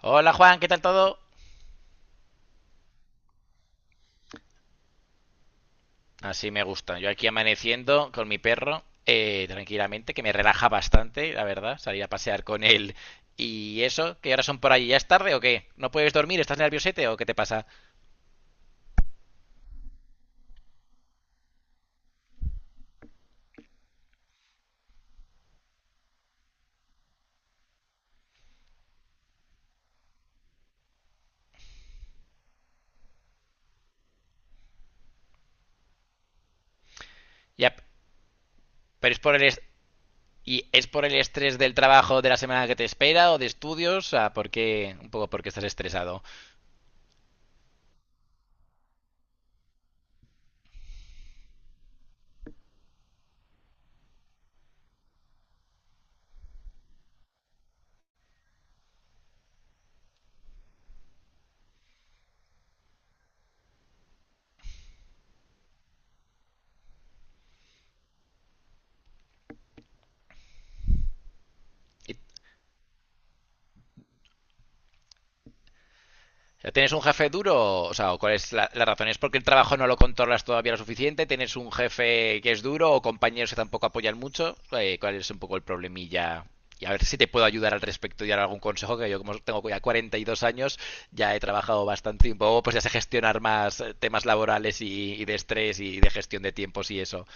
Hola Juan, ¿qué tal todo? Así me gusta. Yo aquí amaneciendo con mi perro, tranquilamente, que me relaja bastante, la verdad, salir a pasear con él. ¿Y eso? ¿Qué horas son por allí? ¿Ya es tarde o qué? ¿No puedes dormir? ¿Estás nerviosete o qué te pasa? Ya, pero es por el est- ¿Y es por el estrés del trabajo de la semana que te espera o de estudios? Ah, ¿por qué? Un poco porque estás estresado. ¿Tienes un jefe duro? O sea, ¿o ¿cuál es la razón? ¿Es porque el trabajo no lo controlas todavía lo suficiente? ¿Tienes un jefe que es duro o compañeros que tampoco apoyan mucho? ¿Cuál es un poco el problemilla? Y a ver si te puedo ayudar al respecto y dar algún consejo, que yo como tengo ya 42 años, ya he trabajado bastante tiempo, pues ya sé gestionar más temas laborales y de estrés y de gestión de tiempos y eso.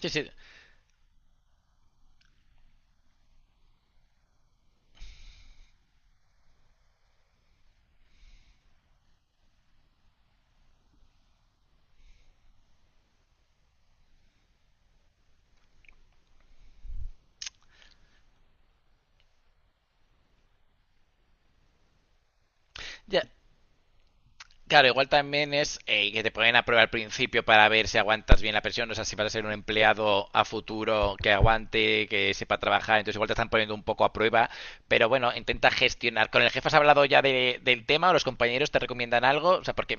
Sí, sí. Ya, claro, igual también es que te ponen a prueba al principio para ver si aguantas bien la presión, o sea, si vas a ser un empleado a futuro que aguante, que sepa trabajar, entonces igual te están poniendo un poco a prueba, pero bueno, intenta gestionar. ¿Con el jefe has hablado ya del tema o los compañeros te recomiendan algo? O sea, porque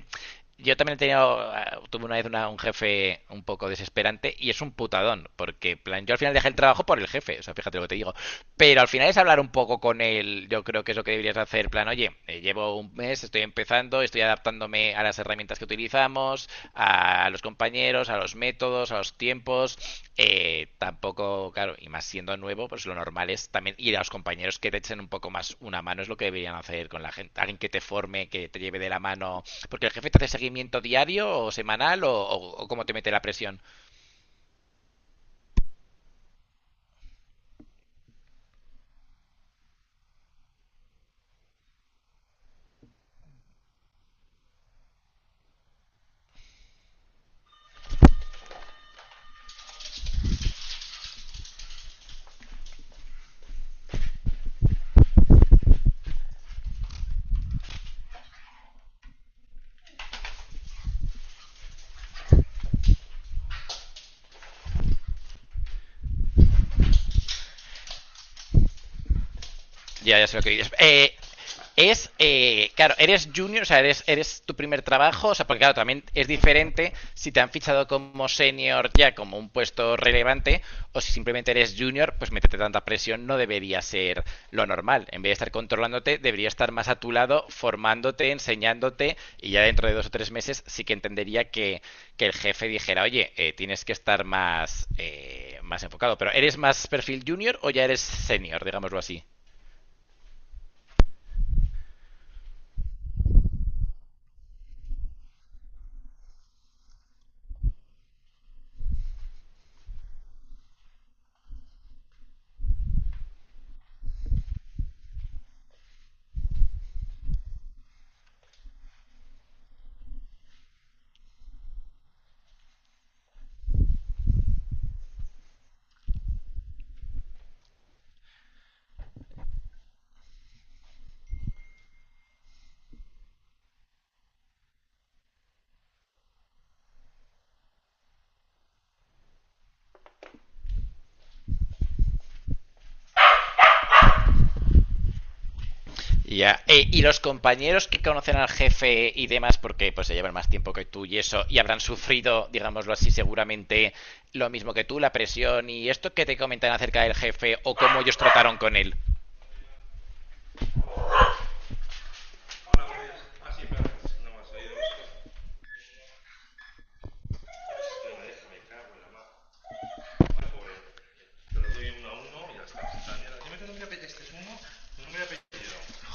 yo también he tenido, tuve una vez un jefe un poco desesperante y es un putadón, porque en plan, yo al final dejé el trabajo por el jefe, o sea, fíjate lo que te digo, pero al final es hablar un poco con él, yo creo que es lo que deberías hacer, plan, oye, llevo un mes, estoy empezando, estoy adaptándome a las herramientas que utilizamos, a los compañeros, a los métodos, a los tiempos, tampoco, claro, y más siendo nuevo, pues lo normal es también ir a los compañeros que te echen un poco más una mano, es lo que deberían hacer con la gente, alguien que te forme, que te lleve de la mano, porque el jefe te hace seguimiento diario o semanal o cómo te mete la presión. Ya, ya sé lo que dices. Claro, eres junior, o sea, eres tu primer trabajo, o sea, porque claro, también es diferente si te han fichado como senior ya como un puesto relevante, o si simplemente eres junior, pues meterte tanta presión no debería ser lo normal. En vez de estar controlándote, debería estar más a tu lado, formándote, enseñándote, y ya dentro de dos o tres meses sí que entendería que el jefe dijera, oye, tienes que estar más, más enfocado. Pero, ¿eres más perfil junior o ya eres senior, digámoslo así? Ya. Y los compañeros que conocen al jefe y demás, porque pues se llevan más tiempo que tú y eso, y habrán sufrido, digámoslo así, seguramente lo mismo que tú, la presión y esto que te comentan acerca del jefe o cómo ellos trataron con él.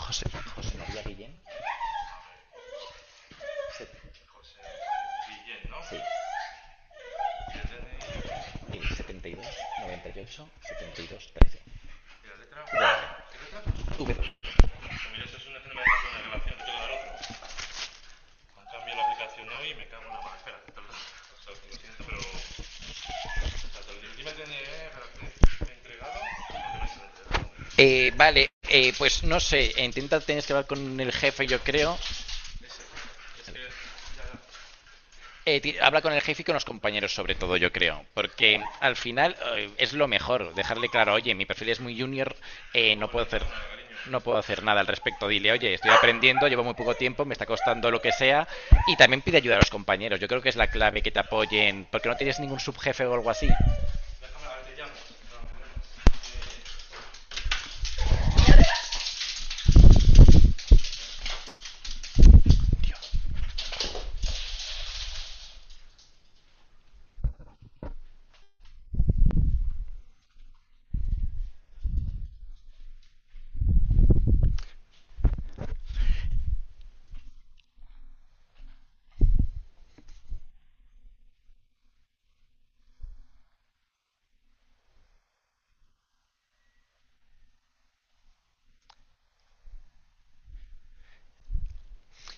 José, José María Guillén. Sí. 72, 98, 72, 13. ¿La letra? Vale, pues no sé, intenta tienes que hablar con el jefe, yo creo. Habla con el jefe y con los compañeros, sobre todo, yo creo. Porque al final es lo mejor, dejarle claro, oye, mi perfil es muy junior, no puedo hacer. No puedo hacer nada al respecto. Dile, oye, estoy aprendiendo, llevo muy poco tiempo, me está costando lo que sea. Y también pide ayuda a los compañeros. Yo creo que es la clave que te apoyen, porque no tienes ningún subjefe o algo así.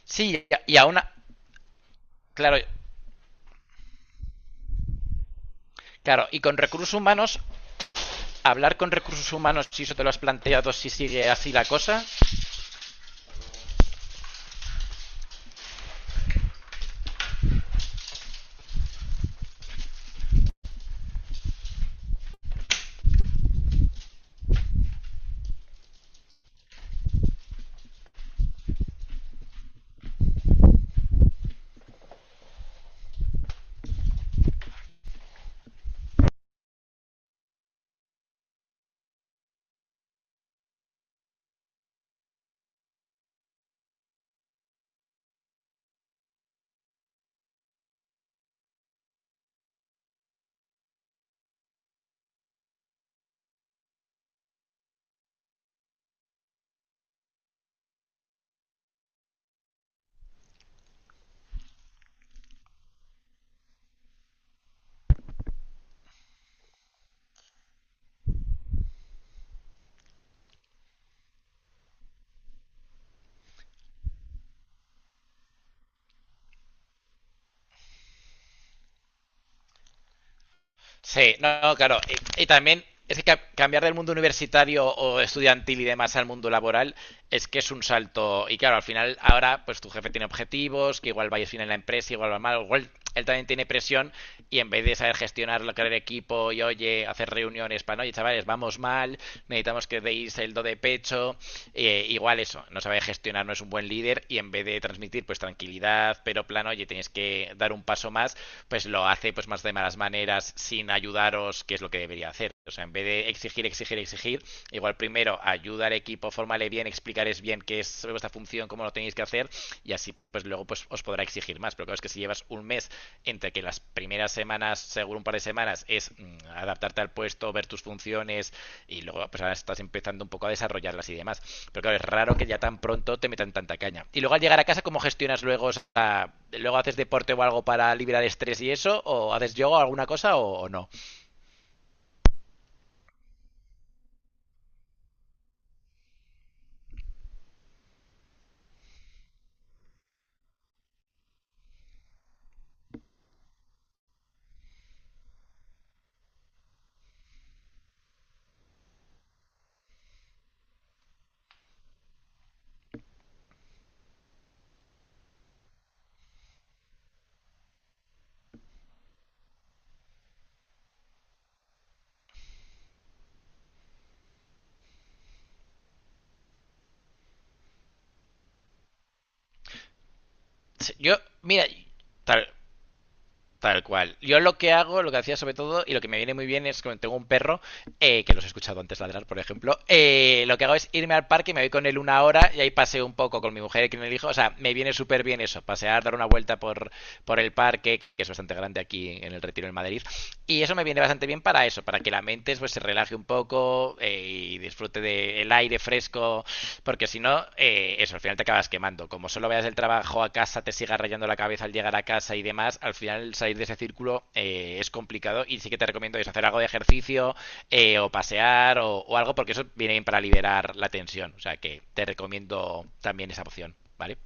Sí, y aún. Claro, claro. Y con recursos humanos, hablar con recursos humanos, si eso te lo has planteado, si sigue así la cosa. Sí, no, no, claro. Y también es que cambiar del mundo universitario o estudiantil y demás al mundo laboral es que es un salto. Y claro, al final ahora pues tu jefe tiene objetivos, que igual vayas bien en la empresa, igual va mal, igual él también tiene presión y en vez de saber gestionar lo que era el equipo y oye, hacer reuniones para, no, oye, chavales, vamos mal, necesitamos que deis el do de pecho, igual eso, no sabe gestionar, no es un buen líder y en vez de transmitir pues tranquilidad, pero plano, oye, tenéis que dar un paso más, pues lo hace pues más de malas maneras, sin ayudaros, que es lo que debería hacer. O sea, en vez de exigir, exigir, exigir, igual primero ayuda al equipo, formale bien, explicaréis bien qué es vuestra función, cómo lo tenéis que hacer, y así pues luego pues os podrá exigir más. Pero claro, es que si llevas un mes entre que las primeras semanas, seguro un par de semanas, es adaptarte al puesto, ver tus funciones, y luego pues ahora estás empezando un poco a desarrollarlas y demás. Pero claro, es raro que ya tan pronto te metan tanta caña. Y luego al llegar a casa, ¿cómo gestionas luego? Luego haces deporte o algo para liberar estrés y eso, o haces yoga o alguna cosa o no. Yo, mira, tal, tal cual. Yo lo que hago, lo que hacía sobre todo, y lo que me viene muy bien es que tengo un perro, que los he escuchado antes ladrar, por ejemplo, lo que hago es irme al parque, me voy con él una hora y ahí paseo un poco con mi mujer y con el hijo. O sea, me viene súper bien eso, pasear, dar una vuelta por el parque, que es bastante grande aquí en el Retiro en Madrid. Y eso me viene bastante bien para eso, para que la mente pues, se relaje un poco y disfrute del aire fresco. Porque si no, eso, al final te acabas quemando. Como solo vayas del trabajo a casa, te sigas rayando la cabeza al llegar a casa y demás, al final salir de ese círculo es complicado y sí que te recomiendo eso, hacer algo de ejercicio, o pasear o algo, porque eso viene bien para liberar la tensión. O sea que te recomiendo también esa opción, ¿vale?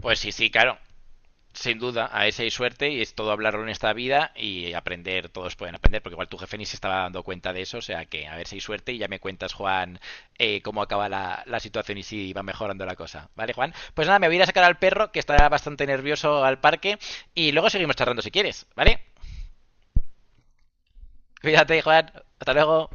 Pues sí, sí, claro. Sin duda, a ese hay suerte y es todo hablarlo en esta vida y aprender, todos pueden aprender, porque igual tu jefe ni se estaba dando cuenta de eso, o sea que a ver si hay suerte y ya me cuentas, Juan, cómo acaba la situación y si va mejorando la cosa. ¿Vale, Juan? Pues nada, me voy a ir a sacar al perro, que está bastante nervioso al parque, y luego seguimos charlando si quieres, ¿vale? Cuídate, Juan, hasta luego.